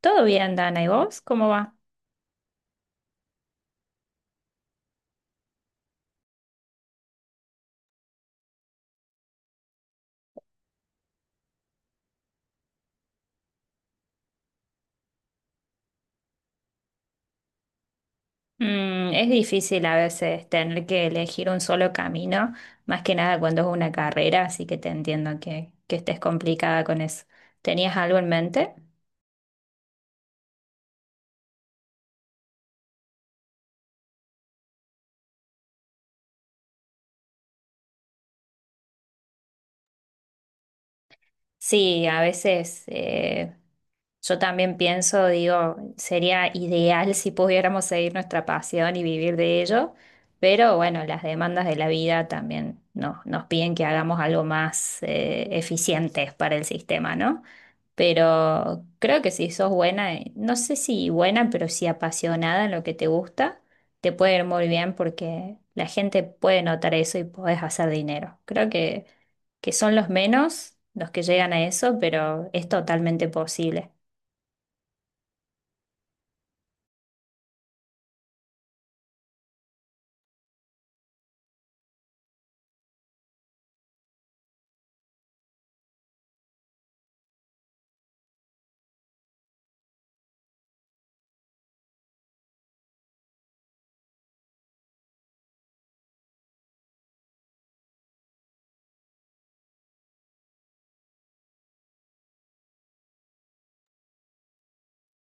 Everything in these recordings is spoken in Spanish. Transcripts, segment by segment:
Todo bien, Dana, ¿y vos? ¿Cómo va? Es difícil a veces tener que elegir un solo camino, más que nada cuando es una carrera, así que te entiendo que estés complicada con eso. ¿Tenías algo en mente? Sí, a veces. Yo también pienso, digo, sería ideal si pudiéramos seguir nuestra pasión y vivir de ello, pero bueno, las demandas de la vida también nos piden que hagamos algo más eficiente para el sistema, ¿no? Pero creo que si sos buena, no sé si buena, pero sí apasionada en lo que te gusta, te puede ir muy bien porque la gente puede notar eso y podés hacer dinero. Creo que son los menos los que llegan a eso, pero es totalmente posible.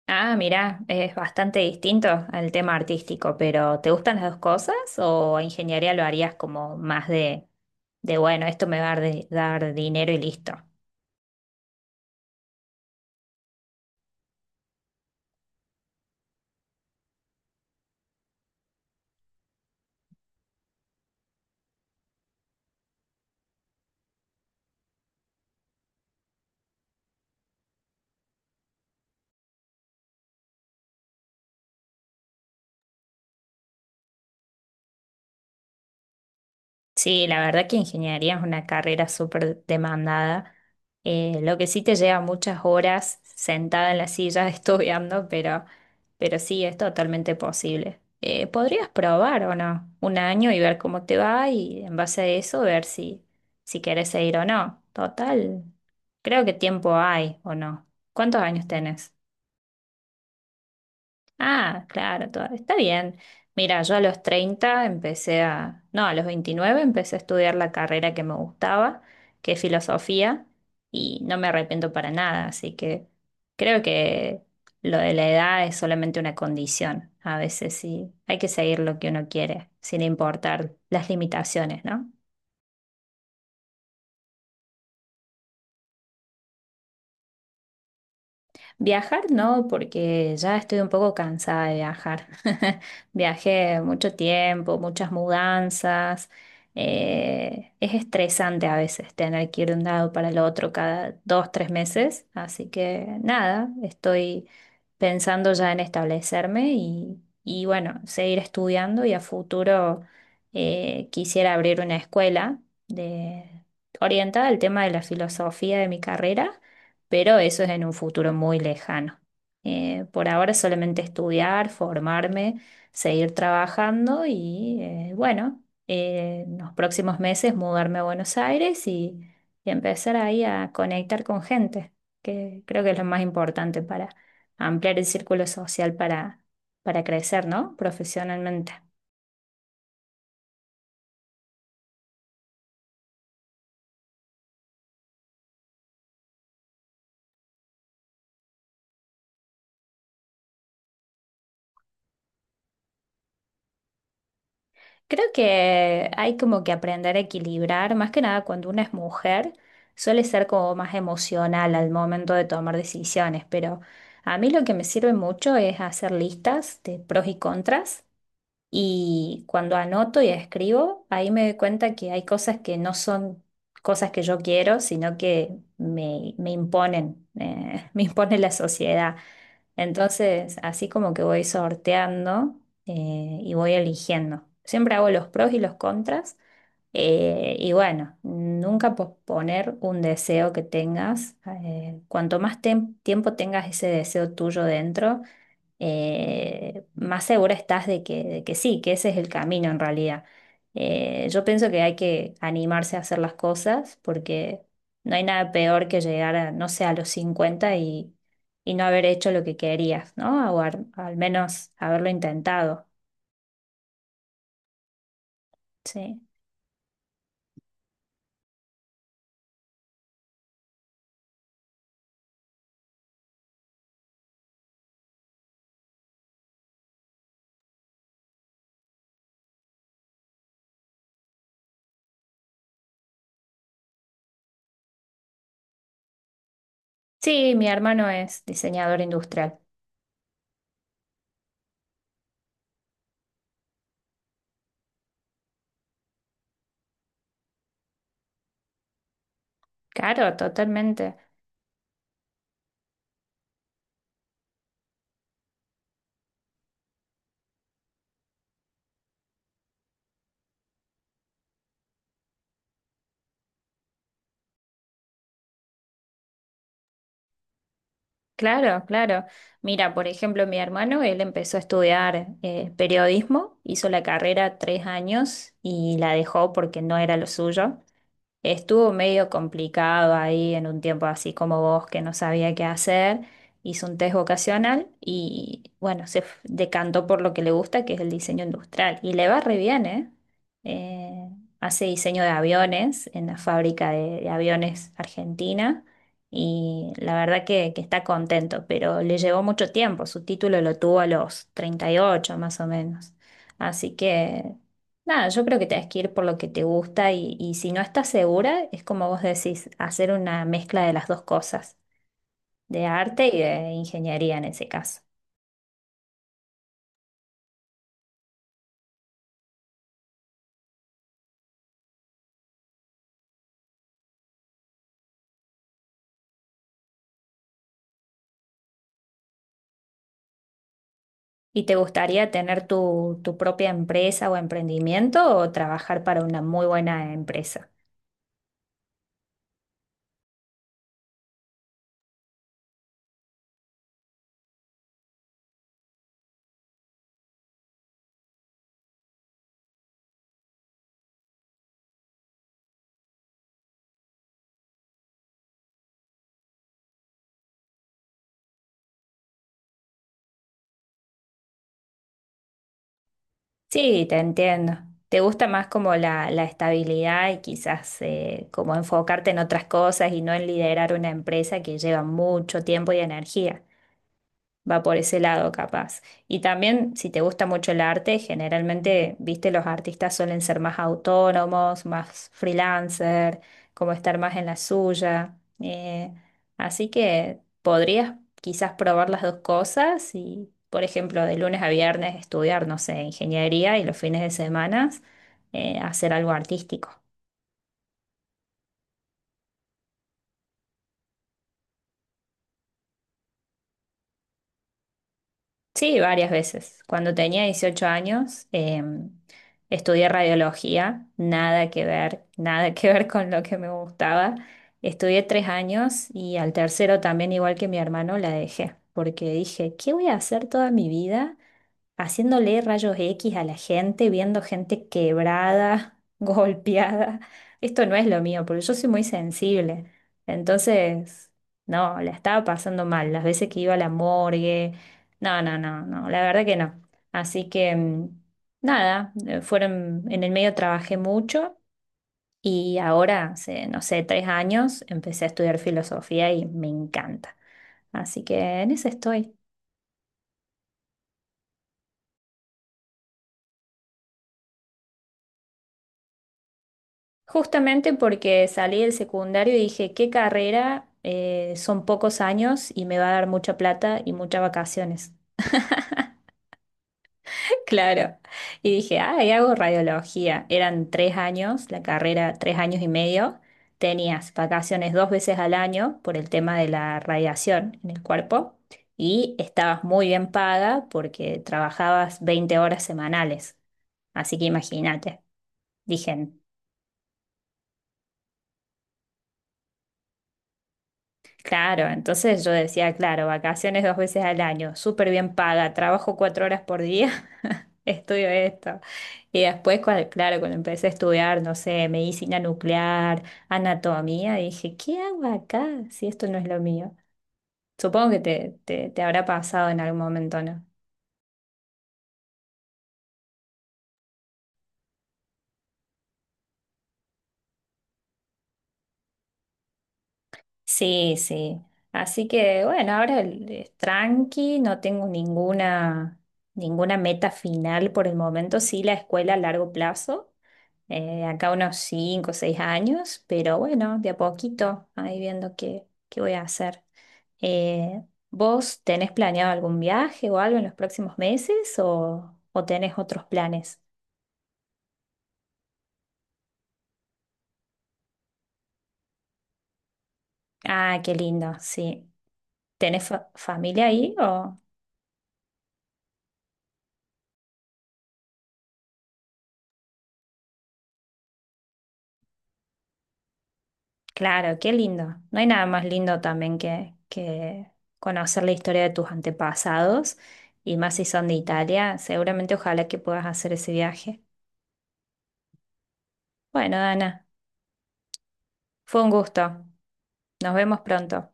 Ah, mirá, es bastante distinto al tema artístico, pero ¿te gustan las dos cosas o ingeniería lo harías como más de bueno, esto me va a dar, dar dinero y listo? Sí, la verdad que ingeniería es una carrera súper demandada. Lo que sí te lleva muchas horas sentada en la silla estudiando, pero sí es totalmente posible. Podrías probar o no, un año y ver cómo te va y en base a eso ver si quieres seguir o no. Total, creo que tiempo hay o no. ¿Cuántos años tenés? Ah, claro, está bien. Mira, yo a los 30 empecé a, no, a los 29 empecé a estudiar la carrera que me gustaba, que es filosofía, y no me arrepiento para nada, así que creo que lo de la edad es solamente una condición. A veces sí, hay que seguir lo que uno quiere, sin importar las limitaciones, ¿no? Viajar no, porque ya estoy un poco cansada de viajar. Viajé mucho tiempo, muchas mudanzas. Es estresante a veces tener que ir de un lado para el otro cada 2, 3 meses. Así que nada, estoy pensando ya en establecerme y bueno, seguir estudiando y a futuro quisiera abrir una escuela de, orientada al tema de la filosofía de mi carrera, pero eso es en un futuro muy lejano. Por ahora solamente estudiar, formarme, seguir trabajando y bueno, en los próximos meses mudarme a Buenos Aires y empezar ahí a conectar con gente, que creo que es lo más importante para ampliar el círculo social para crecer, ¿no? Profesionalmente. Creo que hay como que aprender a equilibrar, más que nada cuando una es mujer, suele ser como más emocional al momento de tomar decisiones, pero a mí lo que me sirve mucho es hacer listas de pros y contras y cuando anoto y escribo, ahí me doy cuenta que hay cosas que no son cosas que yo quiero, sino que me imponen, me impone la sociedad. Entonces, así como que voy sorteando y voy eligiendo. Siempre hago los pros y los contras. Y bueno, nunca posponer un deseo que tengas. Cuanto más tiempo tengas ese deseo tuyo dentro, más segura estás de que sí, que ese es el camino en realidad. Yo pienso que hay que animarse a hacer las cosas porque no hay nada peor que llegar a, no sé, a los 50 y no haber hecho lo que querías, ¿no? O al menos haberlo intentado, sí. Sí, mi hermano es diseñador industrial. Claro, totalmente. Claro, claro. Mira, por ejemplo, mi hermano, él empezó a estudiar periodismo, hizo la carrera 3 años y la dejó porque no era lo suyo. Estuvo medio complicado ahí en un tiempo así como vos, que no sabía qué hacer. Hizo un test vocacional y bueno, decantó por lo que le gusta, que es el diseño industrial. Y le va re bien, ¿eh? Eh, hace diseño de aviones en la fábrica de aviones argentina y la verdad que está contento, pero le llevó mucho tiempo. Su título lo tuvo a los 38 más o menos. Así que. Nada, yo creo que tenés que ir por lo que te gusta y si no estás segura, es como vos decís, hacer una mezcla de las dos cosas, de arte y de ingeniería en ese caso. ¿Y te gustaría tener tu propia empresa o emprendimiento o trabajar para una muy buena empresa? Sí, te entiendo. ¿Te gusta más como la estabilidad y quizás como enfocarte en otras cosas y no en liderar una empresa que lleva mucho tiempo y energía? Va por ese lado capaz. Y también, si te gusta mucho el arte, generalmente, viste, los artistas suelen ser más autónomos, más freelancer, como estar más en la suya. Así que podrías quizás probar las dos cosas y, por ejemplo, de lunes a viernes estudiar, no sé, ingeniería y los fines de semana hacer algo artístico. Sí, varias veces. Cuando tenía 18 años, estudié radiología, nada que ver, nada que ver con lo que me gustaba. Estudié 3 años y al tercero también, igual que mi hermano, la dejé, porque dije, ¿qué voy a hacer toda mi vida haciéndole rayos X a la gente, viendo gente quebrada, golpeada? Esto no es lo mío, porque yo soy muy sensible. Entonces, no, la estaba pasando mal. Las veces que iba a la morgue, no, no, no, no, la verdad que no. Así que, nada, fueron, en el medio trabajé mucho. Y ahora, hace, no sé, 3 años, empecé a estudiar filosofía y me encanta. Así que en eso estoy. Justamente porque salí del secundario y dije, ¿qué carrera? Son pocos años y me va a dar mucha plata y muchas vacaciones. Claro. Y dije, ah, y hago radiología. Eran 3 años, la carrera 3 años y medio. Tenías vacaciones dos veces al año por el tema de la radiación en el cuerpo y estabas muy bien paga porque trabajabas 20 horas semanales. Así que imagínate. Dije. Claro, entonces yo decía, claro, vacaciones dos veces al año, súper bien paga, trabajo 4 horas por día, estudio esto. Y después, claro, cuando empecé a estudiar, no sé, medicina nuclear, anatomía, dije, ¿qué hago acá si esto no es lo mío? Supongo que te habrá pasado en algún momento, ¿no? Sí, sí. Así que bueno, ahora es tranqui, no tengo ninguna meta final por el momento, sí la escuela a largo plazo acá unos 5 o 6 años, pero bueno, de a poquito, ahí viendo qué voy a hacer. Eh, ¿vos tenés planeado algún viaje o algo en los próximos meses o tenés otros planes? Ah, qué lindo, sí. ¿Tenés familia ahí o? Claro, qué lindo. No hay nada más lindo también que conocer la historia de tus antepasados y más si son de Italia. Seguramente ojalá que puedas hacer ese viaje. Bueno, Dana, fue un gusto. Nos vemos pronto.